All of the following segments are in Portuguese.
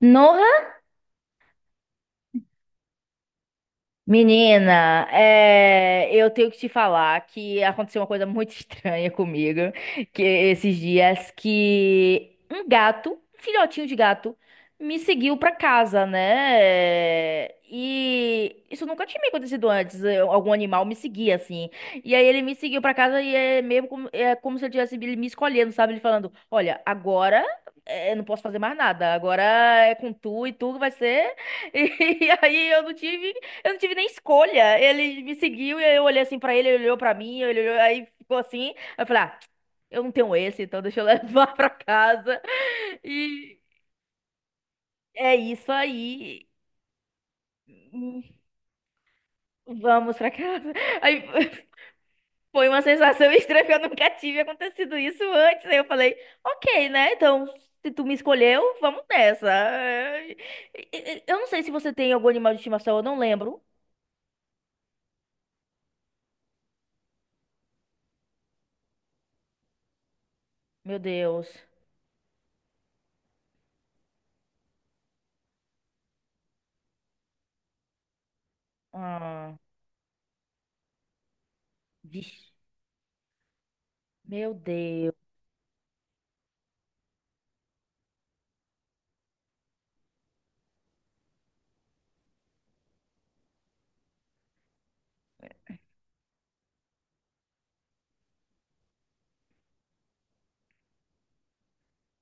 No. Menina, eu tenho que te falar que aconteceu uma coisa muito estranha comigo, que esses dias que um gato, um filhotinho de gato, me seguiu pra casa, né? E isso nunca tinha me acontecido antes. Algum animal me seguia assim. E aí ele me seguiu pra casa e é como se eu tivesse ele me escolhendo, sabe? Ele falando: "Olha, agora eu não posso fazer mais nada. Agora é com tu e tu vai ser" e aí eu não tive nem escolha. Ele me seguiu e eu olhei assim pra ele, ele olhou pra mim, ele olhou, aí ficou assim. Aí eu falei, ah, eu não tenho esse, então deixa eu levar pra casa. E é isso aí. Vamos pra casa. Aí foi uma sensação estranha, porque eu nunca tive acontecido isso antes. Aí eu falei, ok, né? Então, se tu me escolheu, vamos nessa. Eu não sei se você tem algum animal de estimação, eu não lembro. Meu Deus. Ah, vixe. Meu Deus.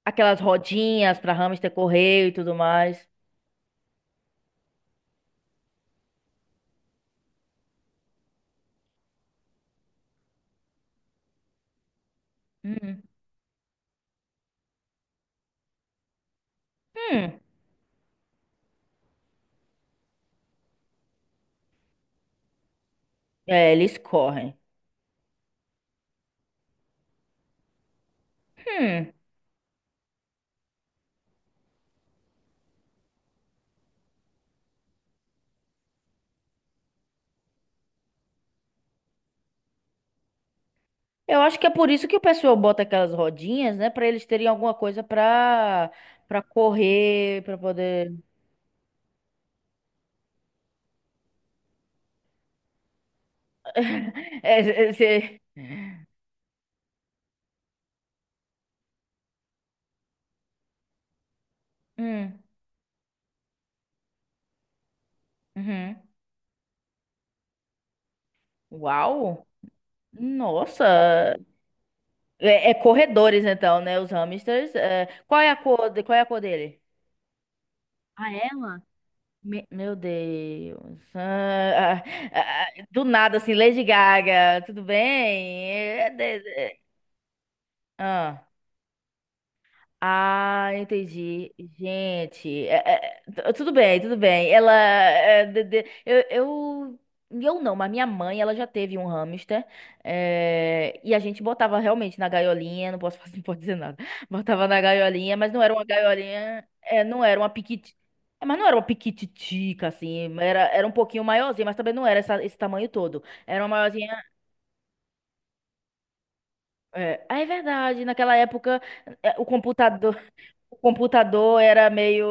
Aquelas rodinhas pra hamster correr e tudo mais. Hum. Hum, é, eles correm. Hum, eu acho que é por isso que o pessoal bota aquelas rodinhas, né? Pra eles terem alguma coisa pra, pra correr, pra poder. É, é, cê- Hum, uhum. Uau! Nossa! É, é corredores, então, né? Os hamsters. É. Qual é a cor, qual é a cor dele? Ah, é? Meu Deus. Ah, do nada, assim, Lady Gaga, tudo bem? É, de- de- Ah. Ah, entendi. Gente, tudo bem, tudo bem. Ela, eu não, mas minha mãe, ela já teve um hamster, é, e a gente botava realmente na gaiolinha, não posso, não pode dizer nada. Botava na gaiolinha, mas não era uma gaiolinha, é, não era uma piquiti, é, mas não era uma piquititica assim, era, era um pouquinho maiorzinha, mas também não era esse tamanho todo. Era uma maiorzinha. É, ah, é verdade. Naquela época, é, o computador. O computador era meio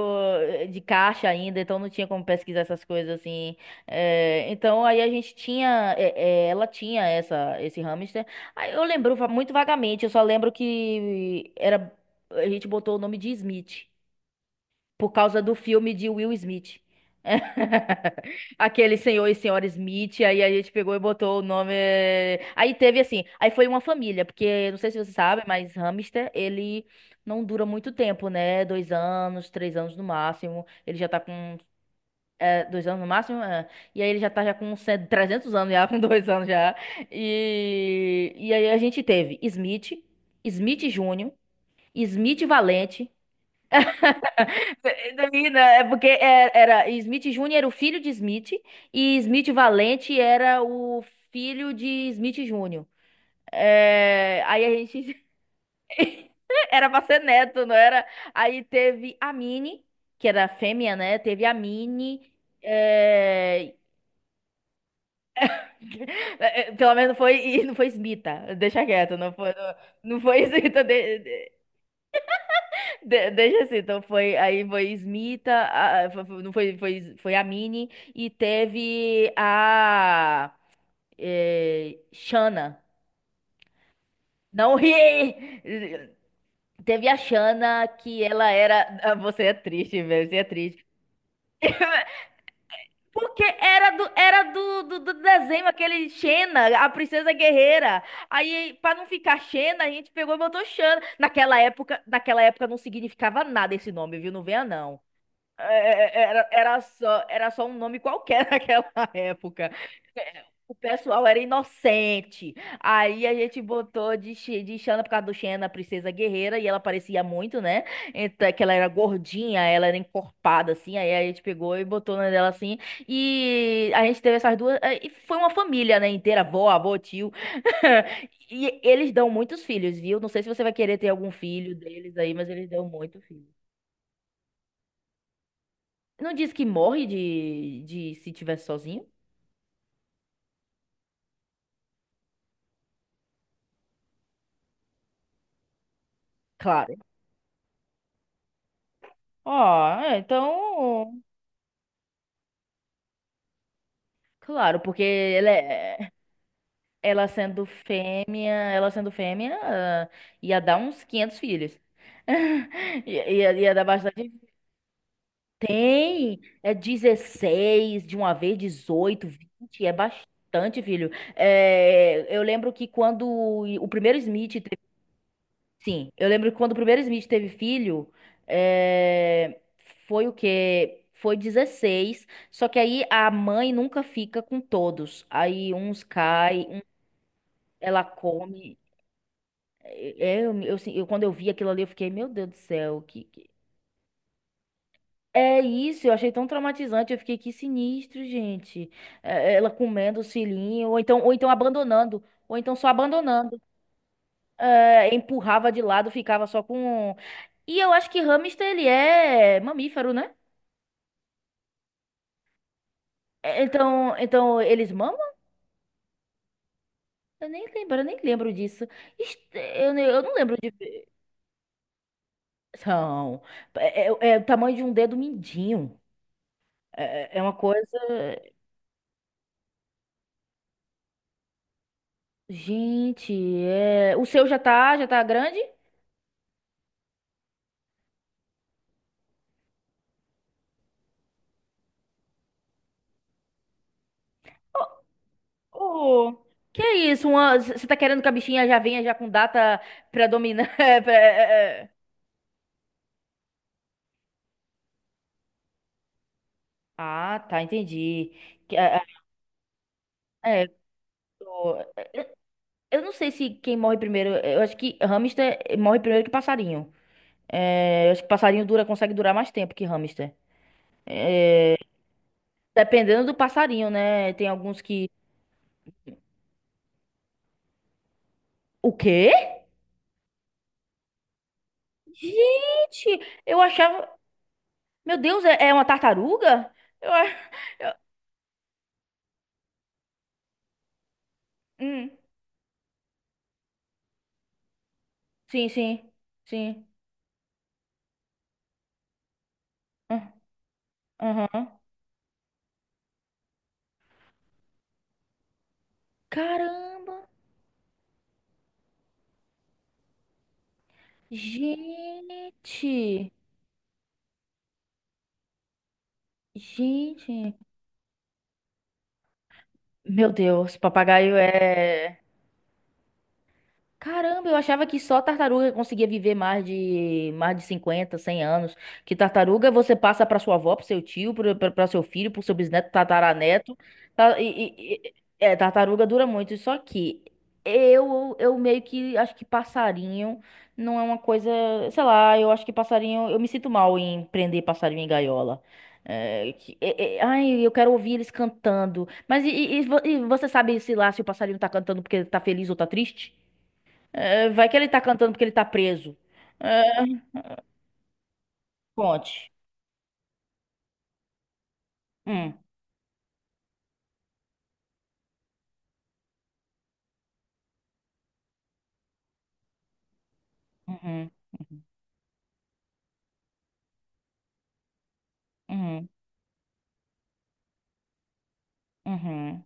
de caixa ainda, então não tinha como pesquisar essas coisas assim. Então aí a gente tinha, ela tinha essa, esse hamster. Aí eu lembro muito vagamente, eu só lembro que era, a gente botou o nome de Smith por causa do filme de Will Smith. Aquele senhor e senhora Smith, aí a gente pegou e botou o nome. Aí teve assim, aí foi uma família, porque não sei se você sabe, mas hamster, ele não dura muito tempo, né? 2 anos, 3 anos no máximo. Ele já tá com 2 anos no máximo, é. E aí ele já tá já com 100 300 anos, já com 2 anos já. E aí a gente teve Smith, Smith Júnior, Smith Valente. Daí né. É porque era Smith Jr. era o filho de Smith e Smith Valente era o filho de Smith Jr. É, aí a gente era pra ser neto, não era? Aí teve a Minnie, que era fêmea, né? Teve a Minnie. é, é, pelo menos não foi, e não foi Smita, deixa quieto, não foi, não, não foi Smita. Deixa assim, então foi, aí foi Smita, não foi, foi, foi a Mini e teve a Shana. Não ri! Teve a Shana que ela era. Você é triste, velho, você é triste. Porque era do, era do desenho aquele Xena, a princesa guerreira. Aí, pra não ficar Xena, a gente pegou e botou Xana. Naquela época não significava nada esse nome, viu? Não venha, não. Era, era só um nome qualquer naquela época. É, o pessoal era inocente. Aí a gente botou de, de Xana por causa do Xena, a princesa guerreira, e ela parecia muito, né? Então, é que ela era gordinha, ela era encorpada, assim. Aí a gente pegou e botou na dela assim. E a gente teve essas duas. É, e foi uma família, né, inteira, avó, avô, tio. E eles dão muitos filhos, viu? Não sei se você vai querer ter algum filho deles aí, mas eles dão muito filho. Não diz que morre de se tiver sozinho? Claro. Ah, é, então. Claro, porque ela, ela sendo fêmea, ah, ia dar uns 500 filhos. Ia, ia dar bastante. Tem, é 16 de uma vez, 18, 20 é bastante, filho. É, eu lembro que quando o primeiro Smith. Sim, eu lembro que quando o primeiro Smith teve filho, é, foi o quê? Foi 16. Só que aí a mãe nunca fica com todos. Aí uns cai, ela come. É, é, assim, quando eu vi aquilo ali, eu fiquei, meu Deus do céu, É isso, eu achei tão traumatizante, eu fiquei, que sinistro, gente. É, ela comendo o filhinho, ou então abandonando, ou então só abandonando. Empurrava de lado, ficava só com um. E eu acho que hamster ele é mamífero, né? É, então, então eles mamam? Eu nem lembro disso. Eu não lembro de. São. É, é o tamanho de um dedo mindinho. É, é uma coisa. Gente, é... o seu já tá grande? Oh, que é isso? Uma... Você tá querendo que a bichinha já venha já com data predominante? É, é, é. Ah, tá, entendi. Que- É, é, é, Ó, Eu eu não sei se quem morre primeiro. Eu acho que hamster morre primeiro que passarinho. É, eu acho que passarinho dura, consegue durar mais tempo que hamster. Dependendo do passarinho, né? Tem alguns que. O quê? Gente, eu achava. Meu Deus, é, é uma tartaruga? Eu, a- eu- hum, Sim, sim, sim. Ah, aham. Caramba! Gente! Gente! Meu Deus, papagaio é. Caramba, eu achava que só tartaruga conseguia viver mais de 50, 100 anos. Que tartaruga você passa para sua avó, para seu tio, para seu filho, para seu bisneto, tataraneto. É, tartaruga dura muito. Só que eu meio que acho que passarinho não é uma coisa, sei lá, eu acho que passarinho, eu me sinto mal em prender passarinho em gaiola. Ai, eu quero ouvir eles cantando. Mas e você sabe se lá se o passarinho tá cantando porque tá feliz ou tá triste? É, vai que ele tá cantando porque ele tá preso. É, conte. Hum, uhum, uhum, uhum, uhum.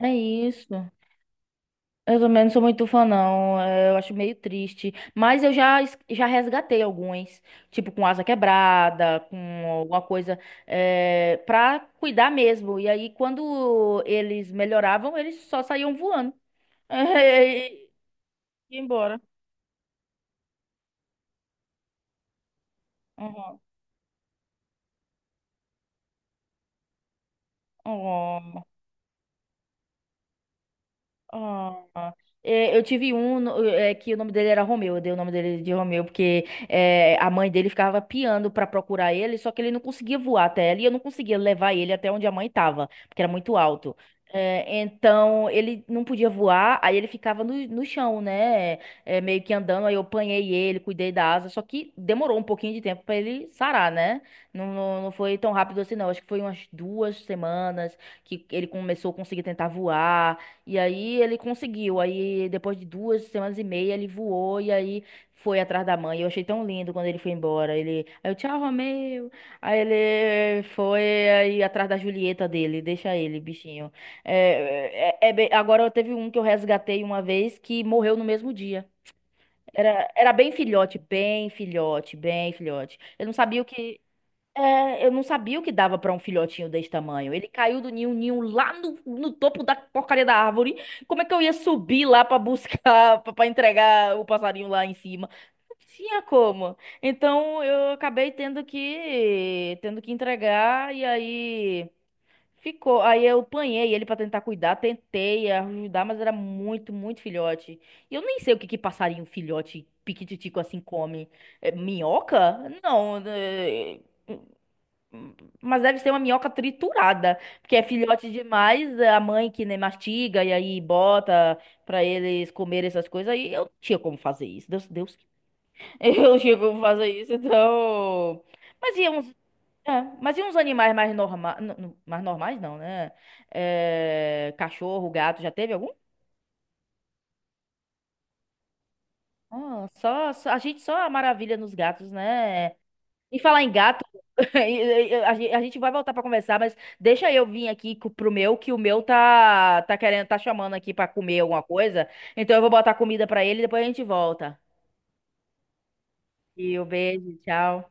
É isso. Eu também não sou muito fã, não. É, eu acho meio triste. Mas eu já, já resgatei alguns. Tipo, com asa quebrada, com alguma coisa. É, pra cuidar mesmo. E aí, quando eles melhoravam, eles só saíam voando. E, e- ia embora. Uhum. Ah, é, eu tive um é, que o nome dele era Romeu, eu dei o nome dele de Romeu, porque é, a mãe dele ficava piando pra procurar ele, só que ele não conseguia voar até ela e eu não conseguia levar ele até onde a mãe tava, porque era muito alto. É, então ele não podia voar, aí ele ficava no chão, né? É, meio que andando, aí eu apanhei ele, cuidei da asa, só que demorou um pouquinho de tempo pra ele sarar, né? Não, não foi tão rápido assim, não. Acho que foi umas 2 semanas que ele começou a conseguir tentar voar. E aí ele conseguiu. Aí depois de 2 semanas e meia ele voou e aí foi atrás da mãe. Eu achei tão lindo quando ele foi embora. Ele, aí eu, tchau, Romeu. Aí ele foi aí atrás da Julieta dele. Deixa ele, bichinho. Agora teve um que eu resgatei uma vez que morreu no mesmo dia. Era, bem filhote. Eu não sabia o que. É, eu não sabia o que dava pra um filhotinho desse tamanho. Ele caiu do ninho, o ninho lá no topo da porcaria da árvore. Como é que eu ia subir lá pra buscar, pra entregar o passarinho lá em cima? Não tinha como. Então eu acabei tendo que entregar e aí ficou. Aí eu apanhei ele pra tentar cuidar, tentei ajudar, mas era muito filhote. E eu nem sei o que que passarinho filhote piquititico assim come. É, minhoca? Não, é. Mas deve ser uma minhoca triturada, porque é filhote demais, é a mãe que nem mastiga e aí bota pra eles comerem essas coisas, aí eu não tinha como fazer isso, Deus, eu não tinha como fazer isso, então... Mas e uns, mas e uns animais mais normais não, né? É, cachorro, gato, já teve algum? Ah, a gente só a maravilha nos gatos, né? E falar em gato, a gente vai voltar pra conversar, mas deixa eu vir aqui pro meu, que o meu tá, tá querendo, tá chamando aqui pra comer alguma coisa. Então eu vou botar comida pra ele e depois a gente volta. E o beijo, tchau.